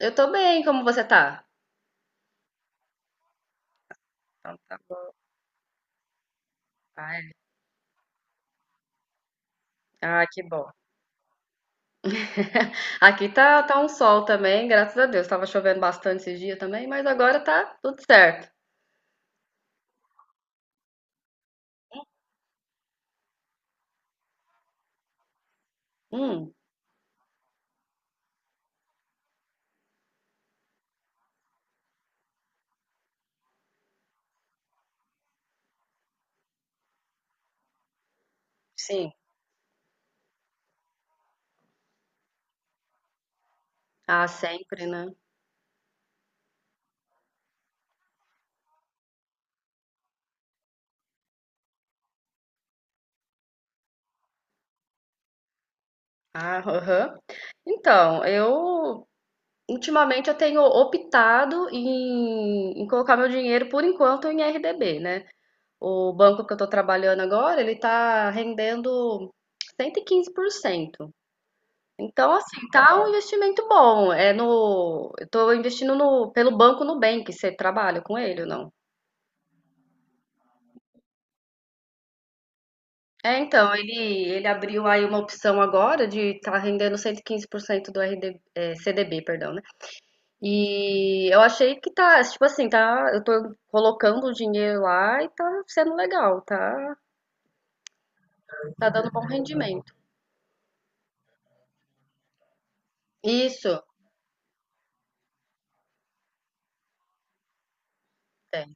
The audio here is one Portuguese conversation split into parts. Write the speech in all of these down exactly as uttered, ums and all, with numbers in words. Eu tô bem, como você tá? Então tá bom. Ai, ah, que bom. Aqui tá, tá um sol também, graças a Deus. Tava chovendo bastante esse dia também, mas agora tá tudo certo. Hum, sim. Ah, sempre, né? Ah, aham. Então, eu ultimamente eu tenho optado em, em colocar meu dinheiro por enquanto em R D B, né? O banco que eu tô trabalhando agora, ele tá rendendo cento e quinze por cento. Então, assim, tá um investimento bom. É no, eu tô investindo no, pelo Banco Nubank. Você trabalha com ele ou não? É, então, ele, ele abriu aí uma opção agora de tá rendendo cento e quinze por cento do R D, é, C D B, perdão, né? E eu achei que tá, tipo assim, tá, eu tô colocando o dinheiro lá e tá sendo legal, tá, tá dando bom rendimento. Isso, tem.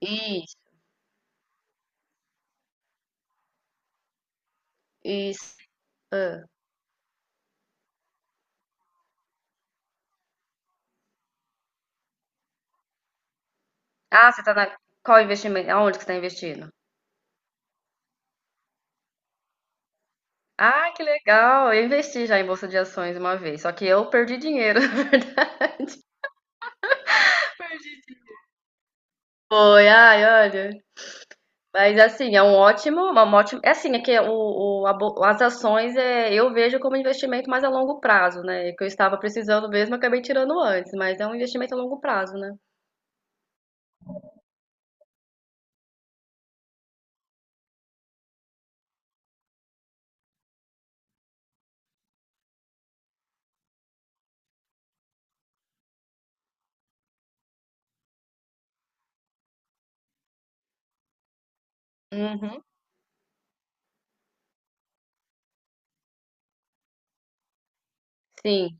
Isso, isso. Ah, ah, você tá na, qual investimento? Aonde que você tá investindo? Ah, que legal! Eu investi já em bolsa de ações uma vez, só que eu perdi dinheiro. Perdi. Foi, ai, olha. Mas assim, é um ótimo, uma ótima. É assim, é que o, o- a bo- as ações é, eu vejo como investimento mais a longo prazo, né? Que eu estava precisando mesmo, eu acabei tirando antes, mas é um investimento a longo prazo, né? Uhum. Sim.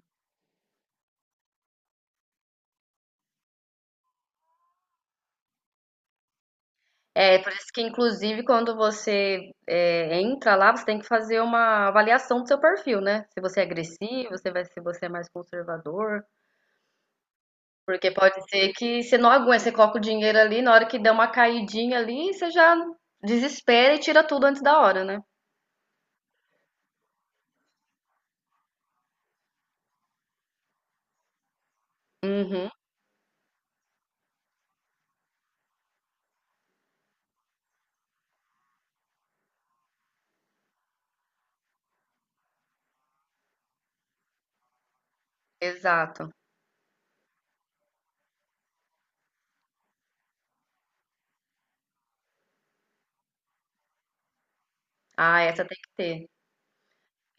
É, por isso que, inclusive, quando você é, entra lá, você tem que fazer uma avaliação do seu perfil, né? Se você é agressivo, se vai- se você é mais conservador. Porque pode ser que você não aguente, você coloca o dinheiro ali, na hora que der uma caidinha ali, você já desespera e tira tudo antes da hora, né? Uhum, exato. Ah, essa tem que ter.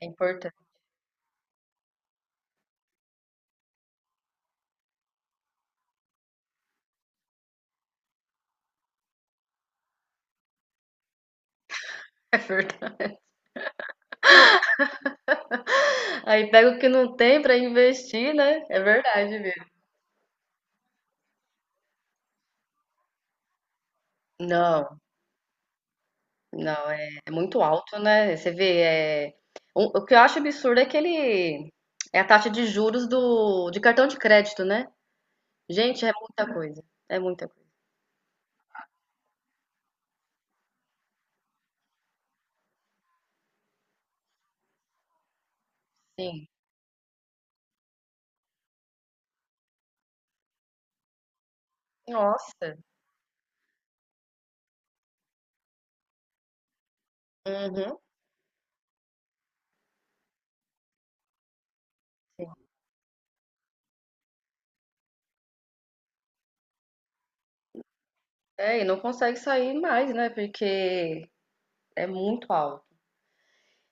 É importante. É verdade. Aí pega o que não tem pra investir, né? É verdade mesmo. Não, não, é, é muito alto, né? Você vê, é... o o que eu acho absurdo é aquele... É a taxa de juros do... de cartão de crédito, né? Gente, é muita coisa. É muita coisa. Sim. Nossa. Uhum. É, e não consegue sair mais, né? Porque é muito alto.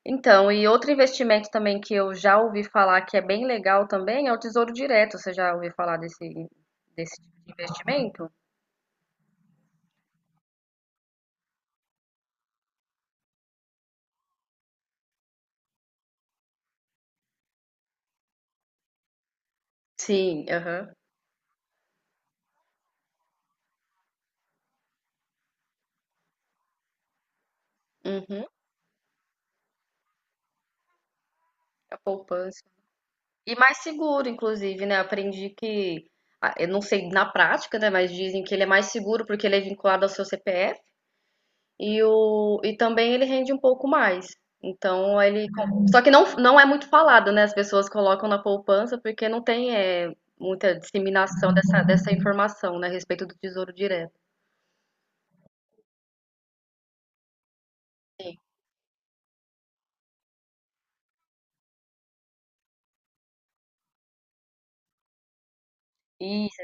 Então, e outro investimento também que eu já ouvi falar que é bem legal também é o Tesouro Direto. Você já ouviu falar desse, desse tipo de investimento? Sim, aham. Uhum, a poupança. E mais seguro, inclusive, né? Aprendi que, ah, eu não sei na prática, né? Mas dizem que ele é mais seguro porque ele é vinculado ao seu C P F. E, o, e também ele rende um pouco mais. Então ele. Com- Só que não, não é muito falado, né? As pessoas colocam na poupança porque não tem é, muita disseminação dessa, dessa informação, né? A respeito do Tesouro Direto. Sim. Isso,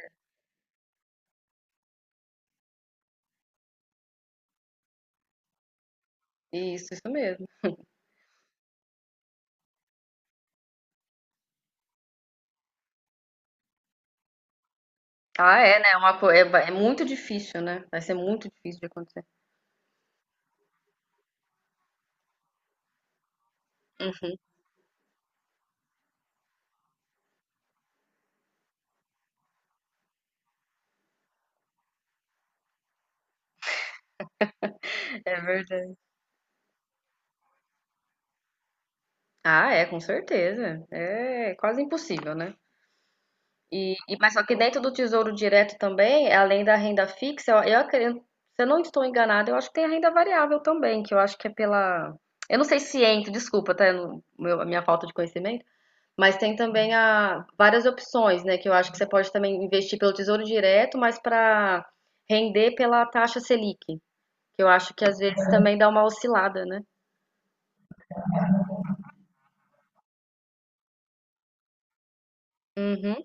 isso, isso mesmo. Ah, é, né? É uma, co- é, ba- é muito difícil, né? Vai ser muito difícil de acontecer. É verdade. Ah, é, com certeza. É quase impossível, né? E, e- mas só que dentro do Tesouro Direto também, além da renda fixa, eu, eu acredito, se eu não estou enganada, eu acho que tem a renda variável também, que eu acho que é pela. Eu não sei se entra, desculpa, tá? Eu não- meu- a minha falta de conhecimento, mas tem também a, várias opções, né? Que eu acho que você pode também investir pelo Tesouro Direto, mas para render pela taxa Selic, que eu acho que às vezes também dá uma oscilada, né? Uhum.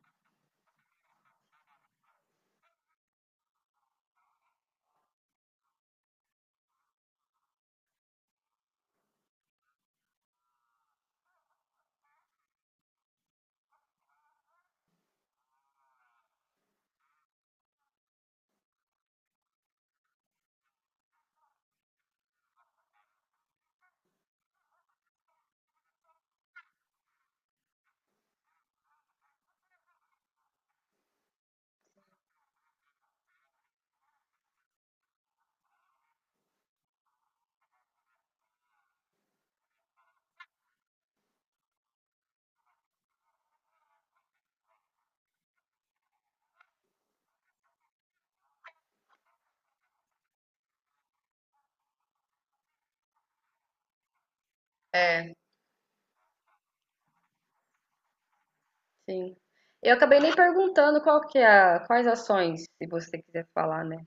Sim. Eu acabei nem perguntando qual que é a, quais ações, se você quiser falar, né?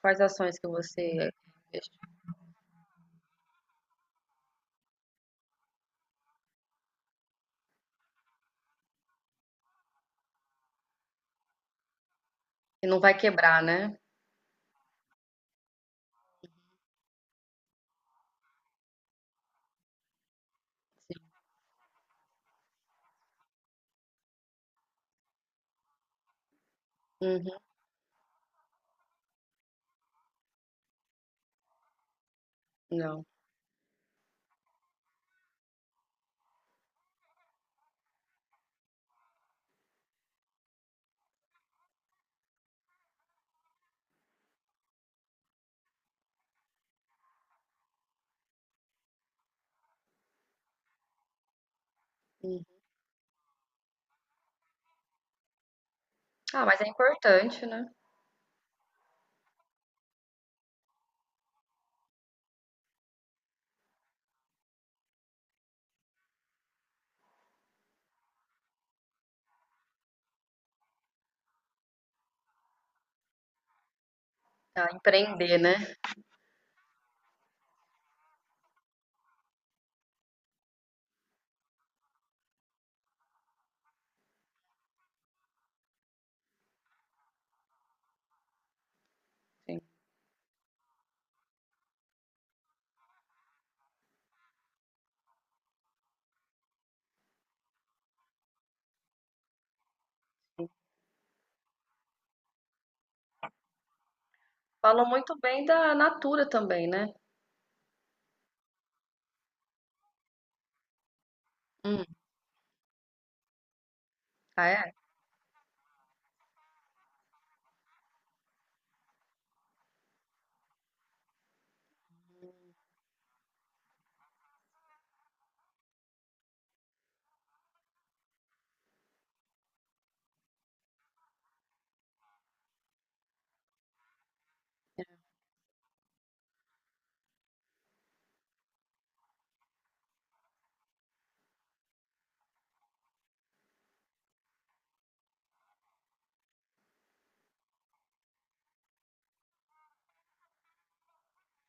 Quais ações que você que não vai quebrar, né? Uhum, não. Uhum. Ah, mas é importante, né? Ah, empreender, né? Sim. Falou muito bem da Natura também, né? Hum. Ah, é?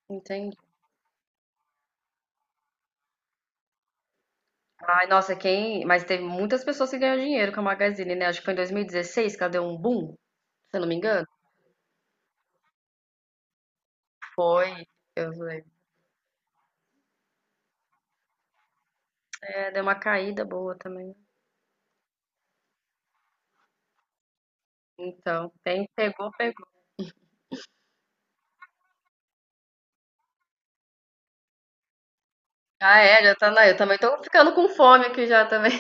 Entendi. Ai, nossa, quem. Mas teve muitas pessoas que ganham dinheiro com a Magazine, né? Acho que foi em dois mil e dezesseis que ela deu um boom, se eu não me engano. Eu lembro. É, deu uma caída boa também. Então, quem pegou. Ah, é, já tá na. Eu também tô ficando com fome aqui já também.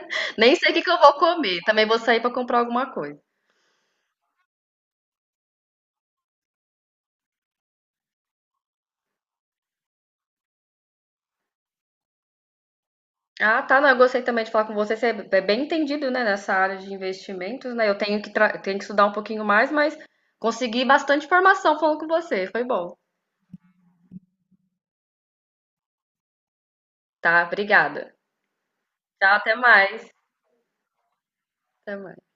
Nem sei o que que eu vou comer. Também vou sair pra comprar alguma coisa. Ah, tá. Não, eu gostei também de falar com você. Você é bem entendido, né, nessa área de investimentos, né? Eu tenho que, tra- tenho que estudar um pouquinho mais, mas consegui bastante informação falando com você. Foi bom. Tá, obrigada. Tchau, até mais. Até mais.